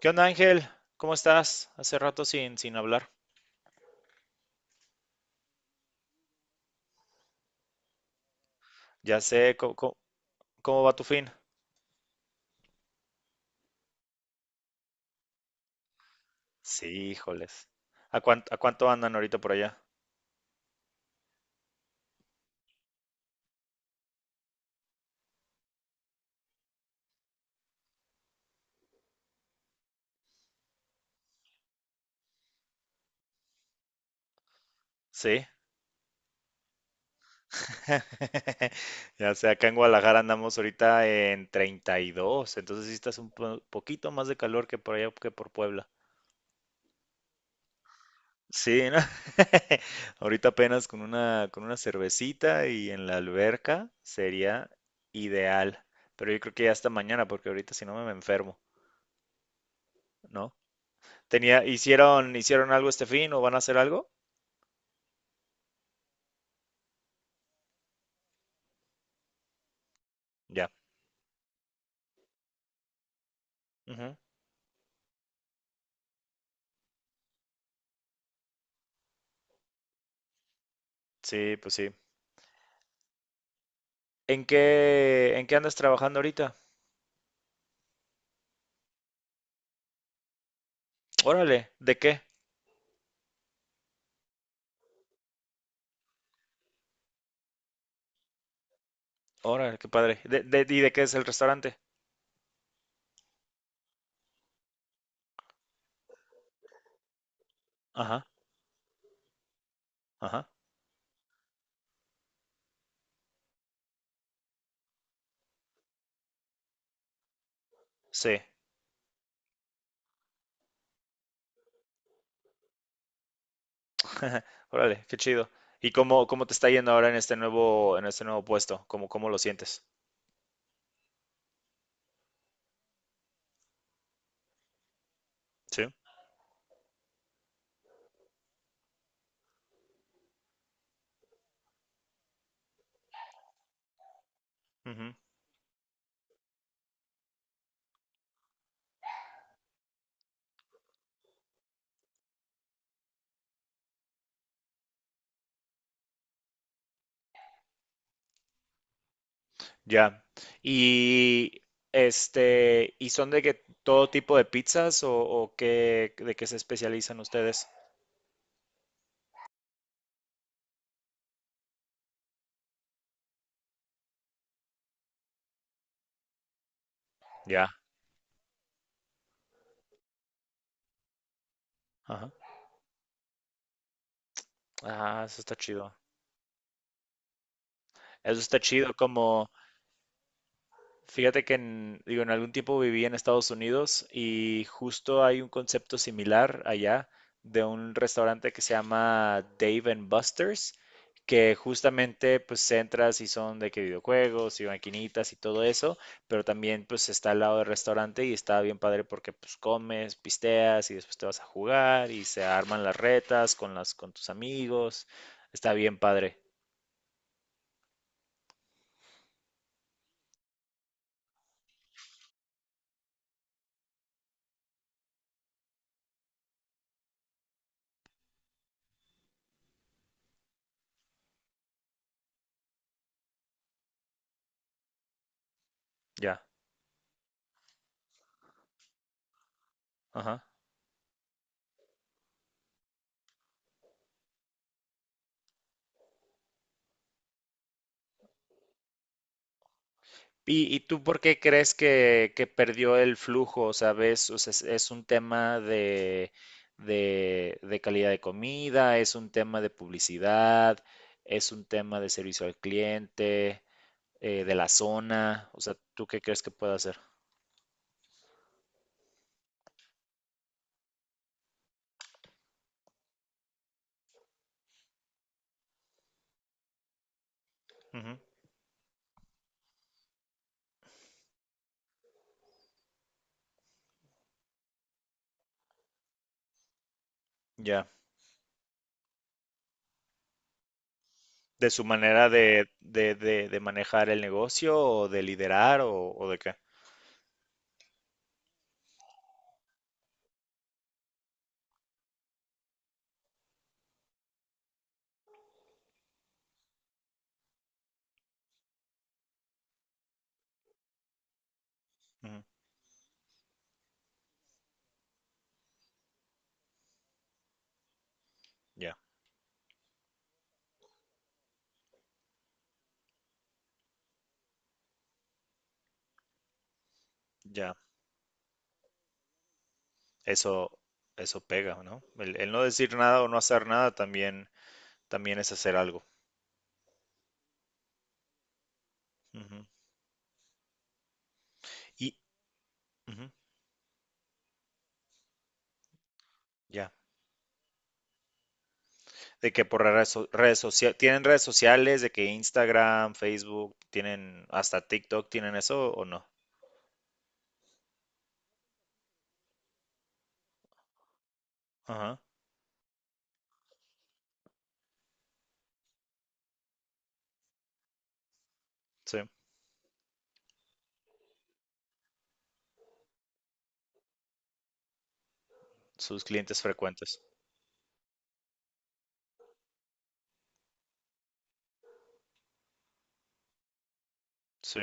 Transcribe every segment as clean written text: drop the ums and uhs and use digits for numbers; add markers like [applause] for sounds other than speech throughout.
¿Qué onda, Ángel? ¿Cómo estás? Hace rato sin hablar. Ya sé, ¿cómo va tu fin? Sí, híjoles. ¿A cuánto andan ahorita por allá? Sí. [laughs] Ya sé, acá en Guadalajara andamos ahorita en 32, entonces sí estás un poquito más de calor que por allá que por Puebla. Sí, ¿no? [laughs] Ahorita apenas con con una cervecita y en la alberca sería ideal. Pero yo creo que ya hasta mañana, porque ahorita si no me enfermo, ¿no? Tenía, hicieron algo este fin o van a hacer algo? Ya. Ujú. Sí, pues sí. ¿En qué andas trabajando ahorita? Órale, ¿de qué? Órale, qué padre. ¿Y de qué es el restaurante? Ajá, ajá. Sí. [laughs] Órale, qué chido. ¿Cómo te está yendo ahora en este en este nuevo puesto? ¿Cómo lo sientes? Sí. Ujú. Ya. Y este, ¿y son de que todo tipo de pizzas o qué, de qué se especializan ustedes? Ya. Ajá. Ah, eso está chido. Eso está chido, como, fíjate que en, digo, en algún tiempo viví en Estados Unidos y justo hay un concepto similar allá de un restaurante que se llama Dave and Buster's, que justamente pues entras y son de que videojuegos y maquinitas y todo eso, pero también pues está al lado del restaurante y está bien padre porque pues comes, pisteas y después te vas a jugar y se arman las retas con las con tus amigos. Está bien padre. Ya. Ajá. ¿Y tú por qué crees que perdió el flujo? O sea, ves, o sea, es un tema de, de calidad de comida, es un tema de publicidad, es un tema de servicio al cliente, de la zona. O sea, ¿tú qué crees que puede hacer? Ujú. Ya. ¿De su manera de manejar el negocio o de liderar o de qué? Ujú. Ya, ya. Eso, eso pega, ¿no? El no decir nada o no hacer nada también también es hacer algo. Ujú. Y ujú, ya. De que por redes sociales, ¿tienen redes sociales? De que Instagram, Facebook, tienen hasta TikTok, ¿tienen eso o no? Ajá, sí. Sus clientes frecuentes. Sí.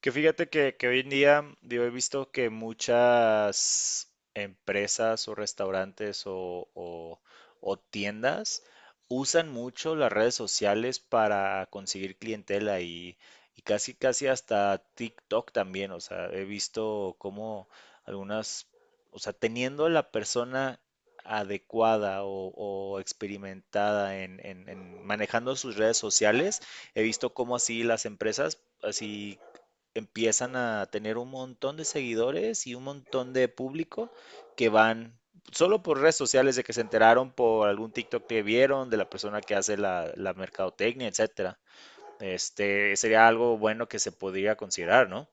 Que fíjate que hoy en día, digo, he visto que muchas empresas o restaurantes o tiendas usan mucho las redes sociales para conseguir clientela y casi, casi hasta TikTok también. O sea, he visto cómo algunas, o sea, teniendo la persona adecuada o experimentada en en manejando sus redes sociales, he visto cómo así las empresas así empiezan a tener un montón de seguidores y un montón de público que van solo por redes sociales de que se enteraron por algún TikTok que vieron de la persona que hace la mercadotecnia, etcétera. Este sería algo bueno que se podría considerar, ¿no?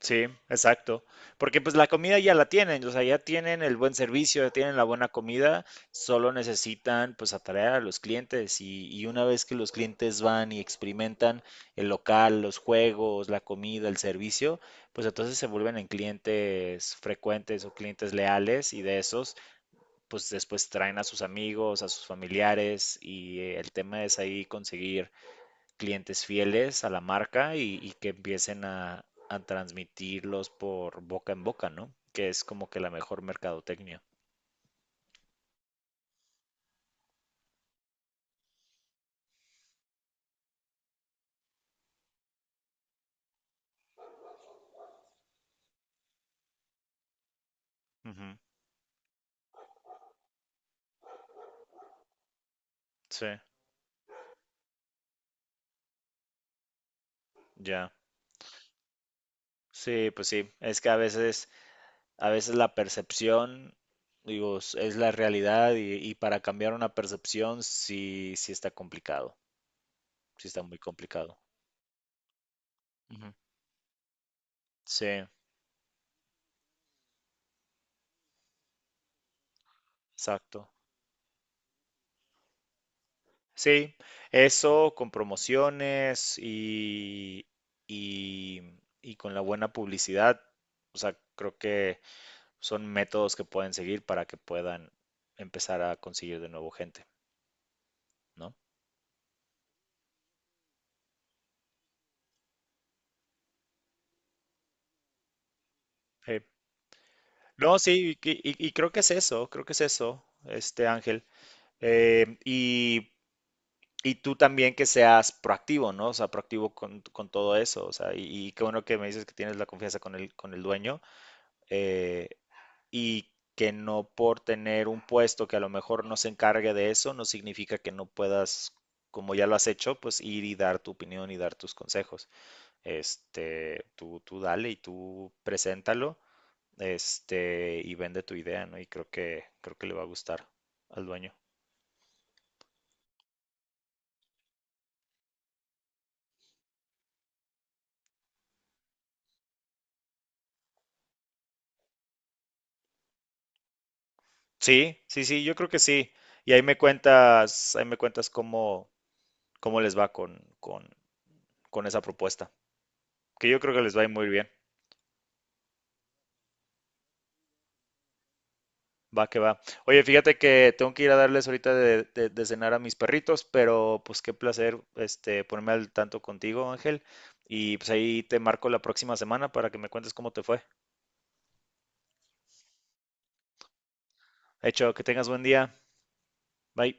Sí, exacto. Porque pues la comida ya la tienen, o sea, ya tienen el buen servicio, ya tienen la buena comida, solo necesitan pues atraer a los clientes y una vez que los clientes van y experimentan el local, los juegos, la comida, el servicio, pues entonces se vuelven en clientes frecuentes o clientes leales y de esos pues después traen a sus amigos, a sus familiares y el tema es ahí conseguir clientes fieles a la marca y que empiecen a transmitirlos por boca en boca, ¿no? Que es como que la mejor mercadotecnia. Ujú. Sí, ya. Sí, pues sí. Es que a veces la percepción, digo, es la realidad y para cambiar una percepción sí, sí está complicado. Sí está muy complicado. Ujú. Sí, exacto. Sí, eso con promociones y, y con la buena publicidad. O sea, creo que son métodos que pueden seguir para que puedan empezar a conseguir de nuevo gente, ¿no? Sí. No, sí, y creo que es eso, creo que es eso, este Ángel. Eh, y, y tú también que seas proactivo, ¿no? O sea, proactivo con todo eso. O sea, y qué bueno que me dices que tienes la confianza con con el dueño. Eh, y que no por tener un puesto que a lo mejor no se encargue de eso, no significa que no puedas, como ya lo has hecho, pues ir y dar tu opinión y dar tus consejos. Este, tú dale y tú preséntalo, este, y vende tu idea, ¿no? Y creo que le va a gustar al dueño. Sí, sí, sí, yo creo que sí. Y ahí me cuentas cómo, cómo les va con esa propuesta, que yo creo que les va a ir muy bien. Va que va. Oye, fíjate que tengo que ir a darles ahorita de cenar a mis perritos, pero pues qué placer este ponerme al tanto contigo, Ángel. Y pues ahí te marco la próxima semana para que me cuentes cómo te fue. Hecho, que tengas buen día. Bye.